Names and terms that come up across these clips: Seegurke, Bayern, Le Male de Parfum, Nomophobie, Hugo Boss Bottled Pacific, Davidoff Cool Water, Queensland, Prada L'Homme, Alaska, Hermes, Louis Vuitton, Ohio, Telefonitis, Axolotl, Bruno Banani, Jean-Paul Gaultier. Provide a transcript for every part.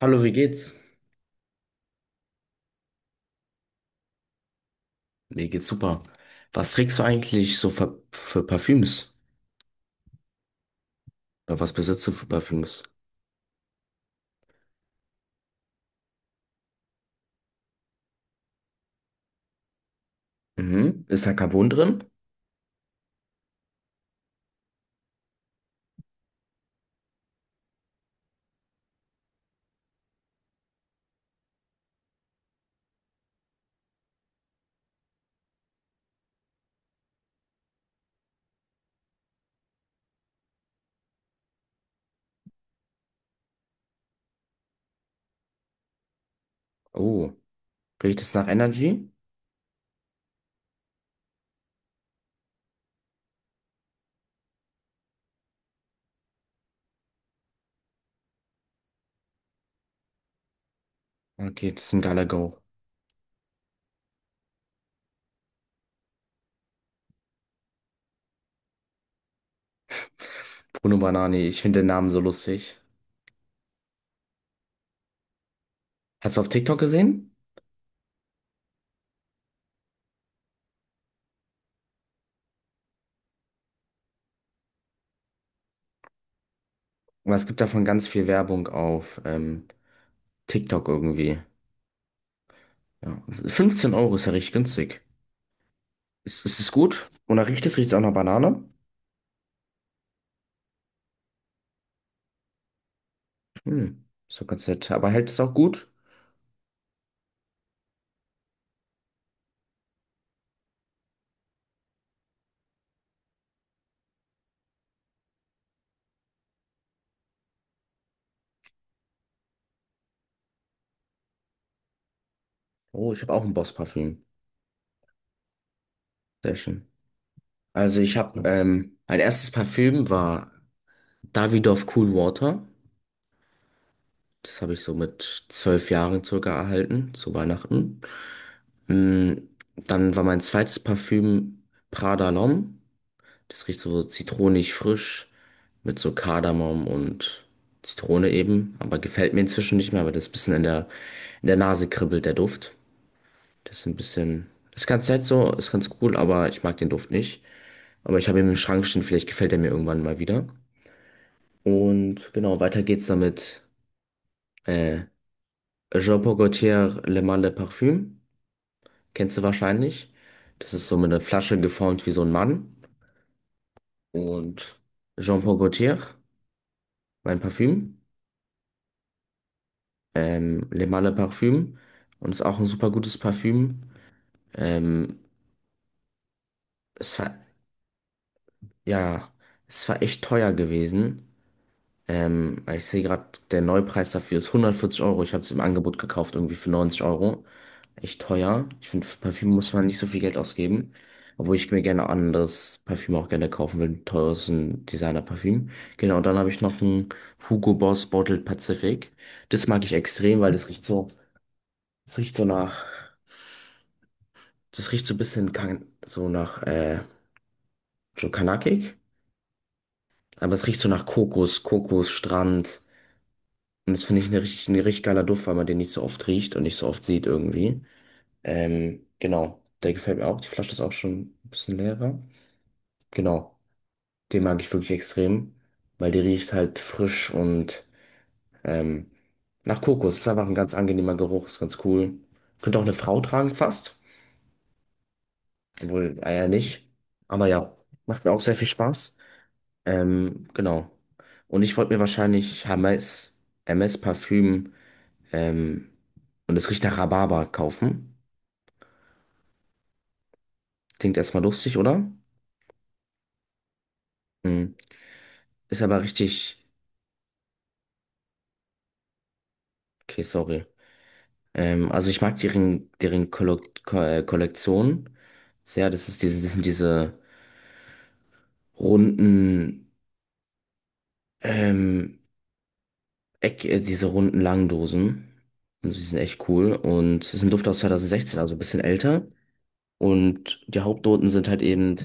Hallo, wie geht's? Mir geht's super. Was trägst du eigentlich so für Parfüms? Oder was besitzt du für Parfüms? Mhm. Ist da Carbon drin? Oh. Riecht es nach Energy? Okay, das ist ein geiler Go. Bruno Banani, ich finde den Namen so lustig. Hast du auf TikTok gesehen? Weil es gibt davon ganz viel Werbung auf TikTok irgendwie. Ja. 15 Euro ist ja richtig günstig. Ist es gut? Und nach riecht es auch nach Banane? Hm, ist doch ganz nett. Aber hält es auch gut? Oh, ich habe auch ein Boss-Parfüm. Sehr schön. Also ich mein erstes Parfüm war Davidoff Cool Water. Das habe ich so mit 12 Jahren circa erhalten, zu Weihnachten. Mm, Dann war mein zweites Parfüm Prada L'Homme. Das riecht so zitronig frisch mit so Kardamom und Zitrone eben. Aber gefällt mir inzwischen nicht mehr, weil das bisschen in der Nase kribbelt, der Duft. Das ist ein bisschen, das ist ganz nett so, ist ganz cool, aber ich mag den Duft nicht. Aber ich habe ihn im Schrank stehen, vielleicht gefällt er mir irgendwann mal wieder. Und genau, weiter geht's damit. Äh, Jean-Paul Gaultier Le Male de Parfum. Kennst du wahrscheinlich. Das ist so mit einer Flasche geformt wie so ein Mann. Und Jean-Paul Gaultier, mein Parfüm. Le Male de Parfum. Und ist auch ein super gutes Parfüm. Ähm, es war, ja, es war echt teuer gewesen. Ich sehe gerade, der Neupreis dafür ist 140 Euro. Ich habe es im Angebot gekauft, irgendwie für 90 Euro. Echt teuer. Ich finde, für Parfüm muss man nicht so viel Geld ausgeben. Obwohl ich mir gerne anderes Parfüm auch gerne kaufen will, ein Teures, ein Designer-Parfüm. Genau, und dann habe ich noch ein Hugo Boss Bottled Pacific. Das mag ich extrem, weil das riecht so nach, das riecht so ein bisschen kan so nach, so kanakig. Aber es riecht so nach Kokos, Kokos, Strand. Und das finde ich ein richtig geiler Duft, weil man den nicht so oft riecht und nicht so oft sieht irgendwie. Genau, der gefällt mir auch. Die Flasche ist auch schon ein bisschen leerer. Genau, den mag ich wirklich extrem, weil der riecht halt frisch und ähm, nach Kokos. Ist einfach ein ganz angenehmer Geruch, ist ganz cool. Könnte auch eine Frau tragen fast, obwohl Eier nicht. Aber ja, macht mir auch sehr viel Spaß. Genau. Und ich wollte mir wahrscheinlich Hermes Parfüm, ähm, und es riecht nach Rhabarber kaufen. Klingt erstmal lustig, oder? Hm. Ist aber richtig. Okay, sorry. Also ich mag deren Kollo Ko Kollektion sehr. Das ist das sind diese runden, ähm, diese runden Langdosen. Und sie sind echt cool. Und es ist ein Duft aus 2016, also ein bisschen älter. Und die Hauptnoten sind halt eben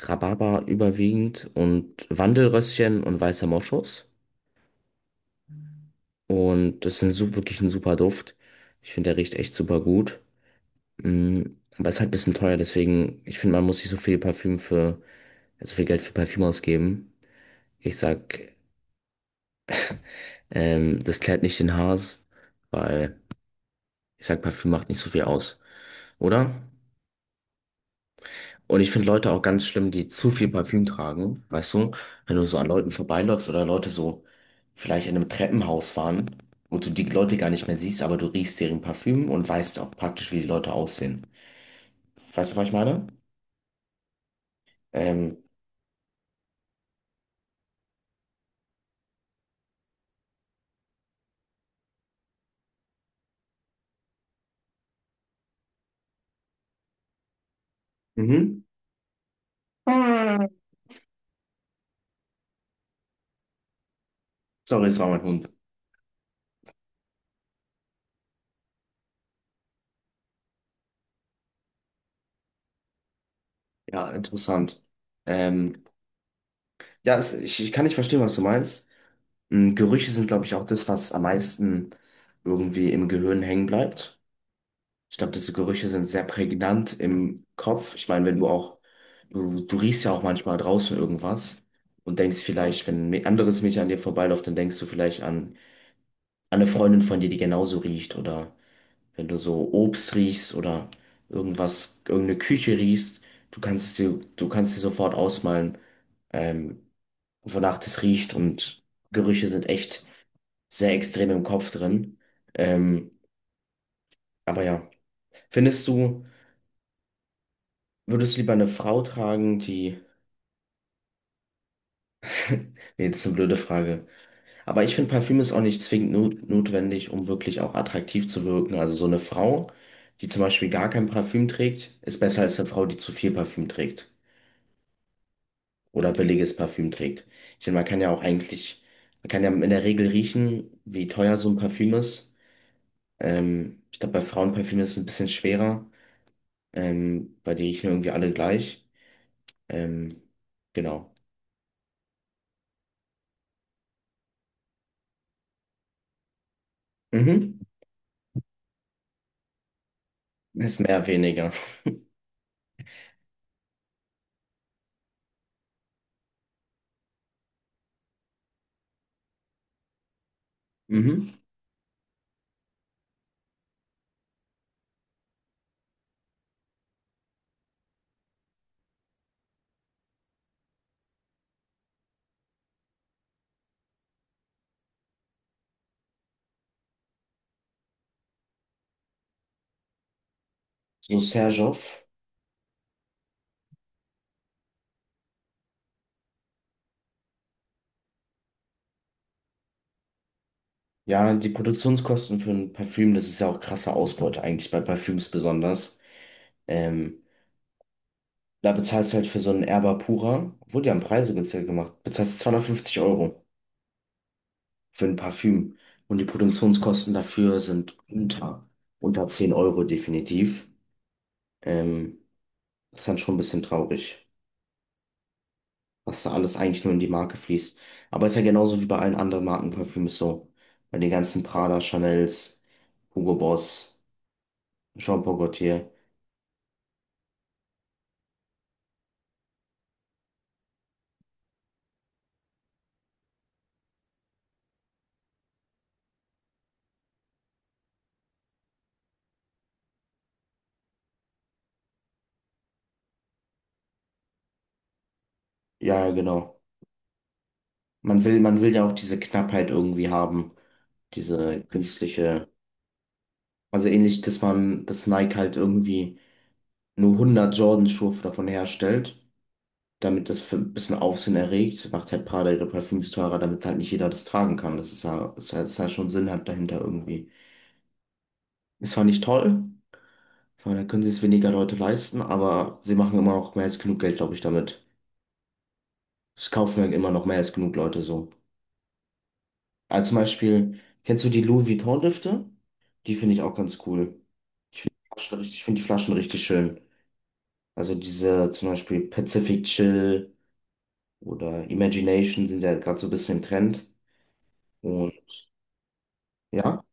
Rhabarber überwiegend und Wandelröschen und weißer Moschus. Und das ist wirklich ein super Duft. Ich finde, der riecht echt super gut. Mm, Aber ist halt ein bisschen teuer, deswegen, ich finde, man muss nicht so viel Parfüm für, so viel Geld für Parfüm ausgeben. Ich sag, das klärt nicht den Haars, weil ich sag, Parfüm macht nicht so viel aus, oder? Und ich finde Leute auch ganz schlimm, die zu viel Parfüm tragen, weißt du? Wenn du so an Leuten vorbeiläufst oder Leute so vielleicht in einem Treppenhaus waren und du die Leute gar nicht mehr siehst, aber du riechst deren Parfüm und weißt auch praktisch, wie die Leute aussehen. Weißt du, was ich meine? Ähm, mhm. Sorry, es war mein Hund. Ja, interessant. Ähm, ja, ich kann nicht verstehen, was du meinst. Gerüche sind, glaube ich, auch das, was am meisten irgendwie im Gehirn hängen bleibt. Ich glaube, diese Gerüche sind sehr prägnant im Kopf. Ich meine, wenn du auch, du riechst ja auch manchmal draußen irgendwas und denkst vielleicht, wenn ein anderes Mädchen an dir vorbeiläuft, dann denkst du vielleicht an eine Freundin von dir, die genauso riecht oder. Wenn du so Obst riechst oder irgendwas, irgendeine Küche riechst, du kannst dir sofort ausmalen, ähm, wonach das riecht und Gerüche sind echt sehr extrem im Kopf drin. Ähm, aber ja, findest du, würdest du lieber eine Frau tragen, die... Nee, das ist eine blöde Frage. Aber ich finde, Parfüm ist auch nicht zwingend not notwendig, um wirklich auch attraktiv zu wirken. Also so eine Frau, die zum Beispiel gar kein Parfüm trägt, ist besser als eine Frau, die zu viel Parfüm trägt, oder billiges Parfüm trägt. Ich meine, man kann ja in der Regel riechen, wie teuer so ein Parfüm ist. Ich glaube, bei Frauenparfüm ist es ein bisschen schwerer, weil die riechen irgendwie alle gleich. Ähm, genau. Mhm. Ist mehr, weniger. Mhm. So Serjoff. Ja, die Produktionskosten für ein Parfüm, das ist ja auch krasse Ausbeute eigentlich bei Parfüms besonders. Ähm, Da bezahlst du halt für so einen Erba Pura, obwohl die haben Preise günstiger gemacht, bezahlst du 250 Euro für ein Parfüm. Und die Produktionskosten dafür sind unter 10 Euro definitiv. Ähm, Das ist dann schon ein bisschen traurig, was da alles eigentlich nur in die Marke fließt. Aber ist ja genauso wie bei allen anderen Marken so. Bei den ganzen Prada, Chanels, Hugo Boss, Jean Paul Gaultier. Ja, ja, genau. Man will ja auch diese Knappheit irgendwie haben, diese künstliche. Also ähnlich, dass man das Nike halt irgendwie nur 100 Jordan-Schuhe davon herstellt, damit das für ein bisschen Aufsehen erregt, macht halt Prada ihre Parfüms teurer, damit halt nicht jeder das tragen kann. Das ist ja, ist halt schon Sinn hat dahinter irgendwie. Ist zwar nicht toll, weil dann können sie es weniger Leute leisten, aber sie machen immer noch mehr als genug Geld, glaube ich, damit. Es kaufen ja immer noch mehr als genug Leute so. Also zum Beispiel, kennst du die Louis Vuitton-Düfte? Die finde ich auch ganz cool. Ich finde die Flaschen richtig schön. Also diese zum Beispiel Pacific Chill oder Imagination sind ja gerade so ein bisschen im Trend. Und ja.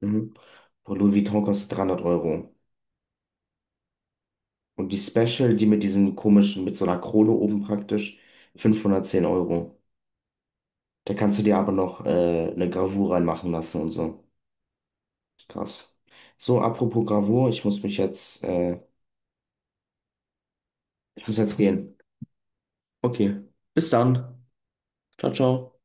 Mhm. Und Louis Vuitton kostet 300 Euro. Und die Special, die mit diesen komischen, mit so einer Krone oben praktisch, 510 Euro. Da kannst du dir aber noch eine Gravur reinmachen lassen und so. Krass. So, apropos Gravur, ich muss jetzt gehen. Okay, bis dann. Ciao, ciao.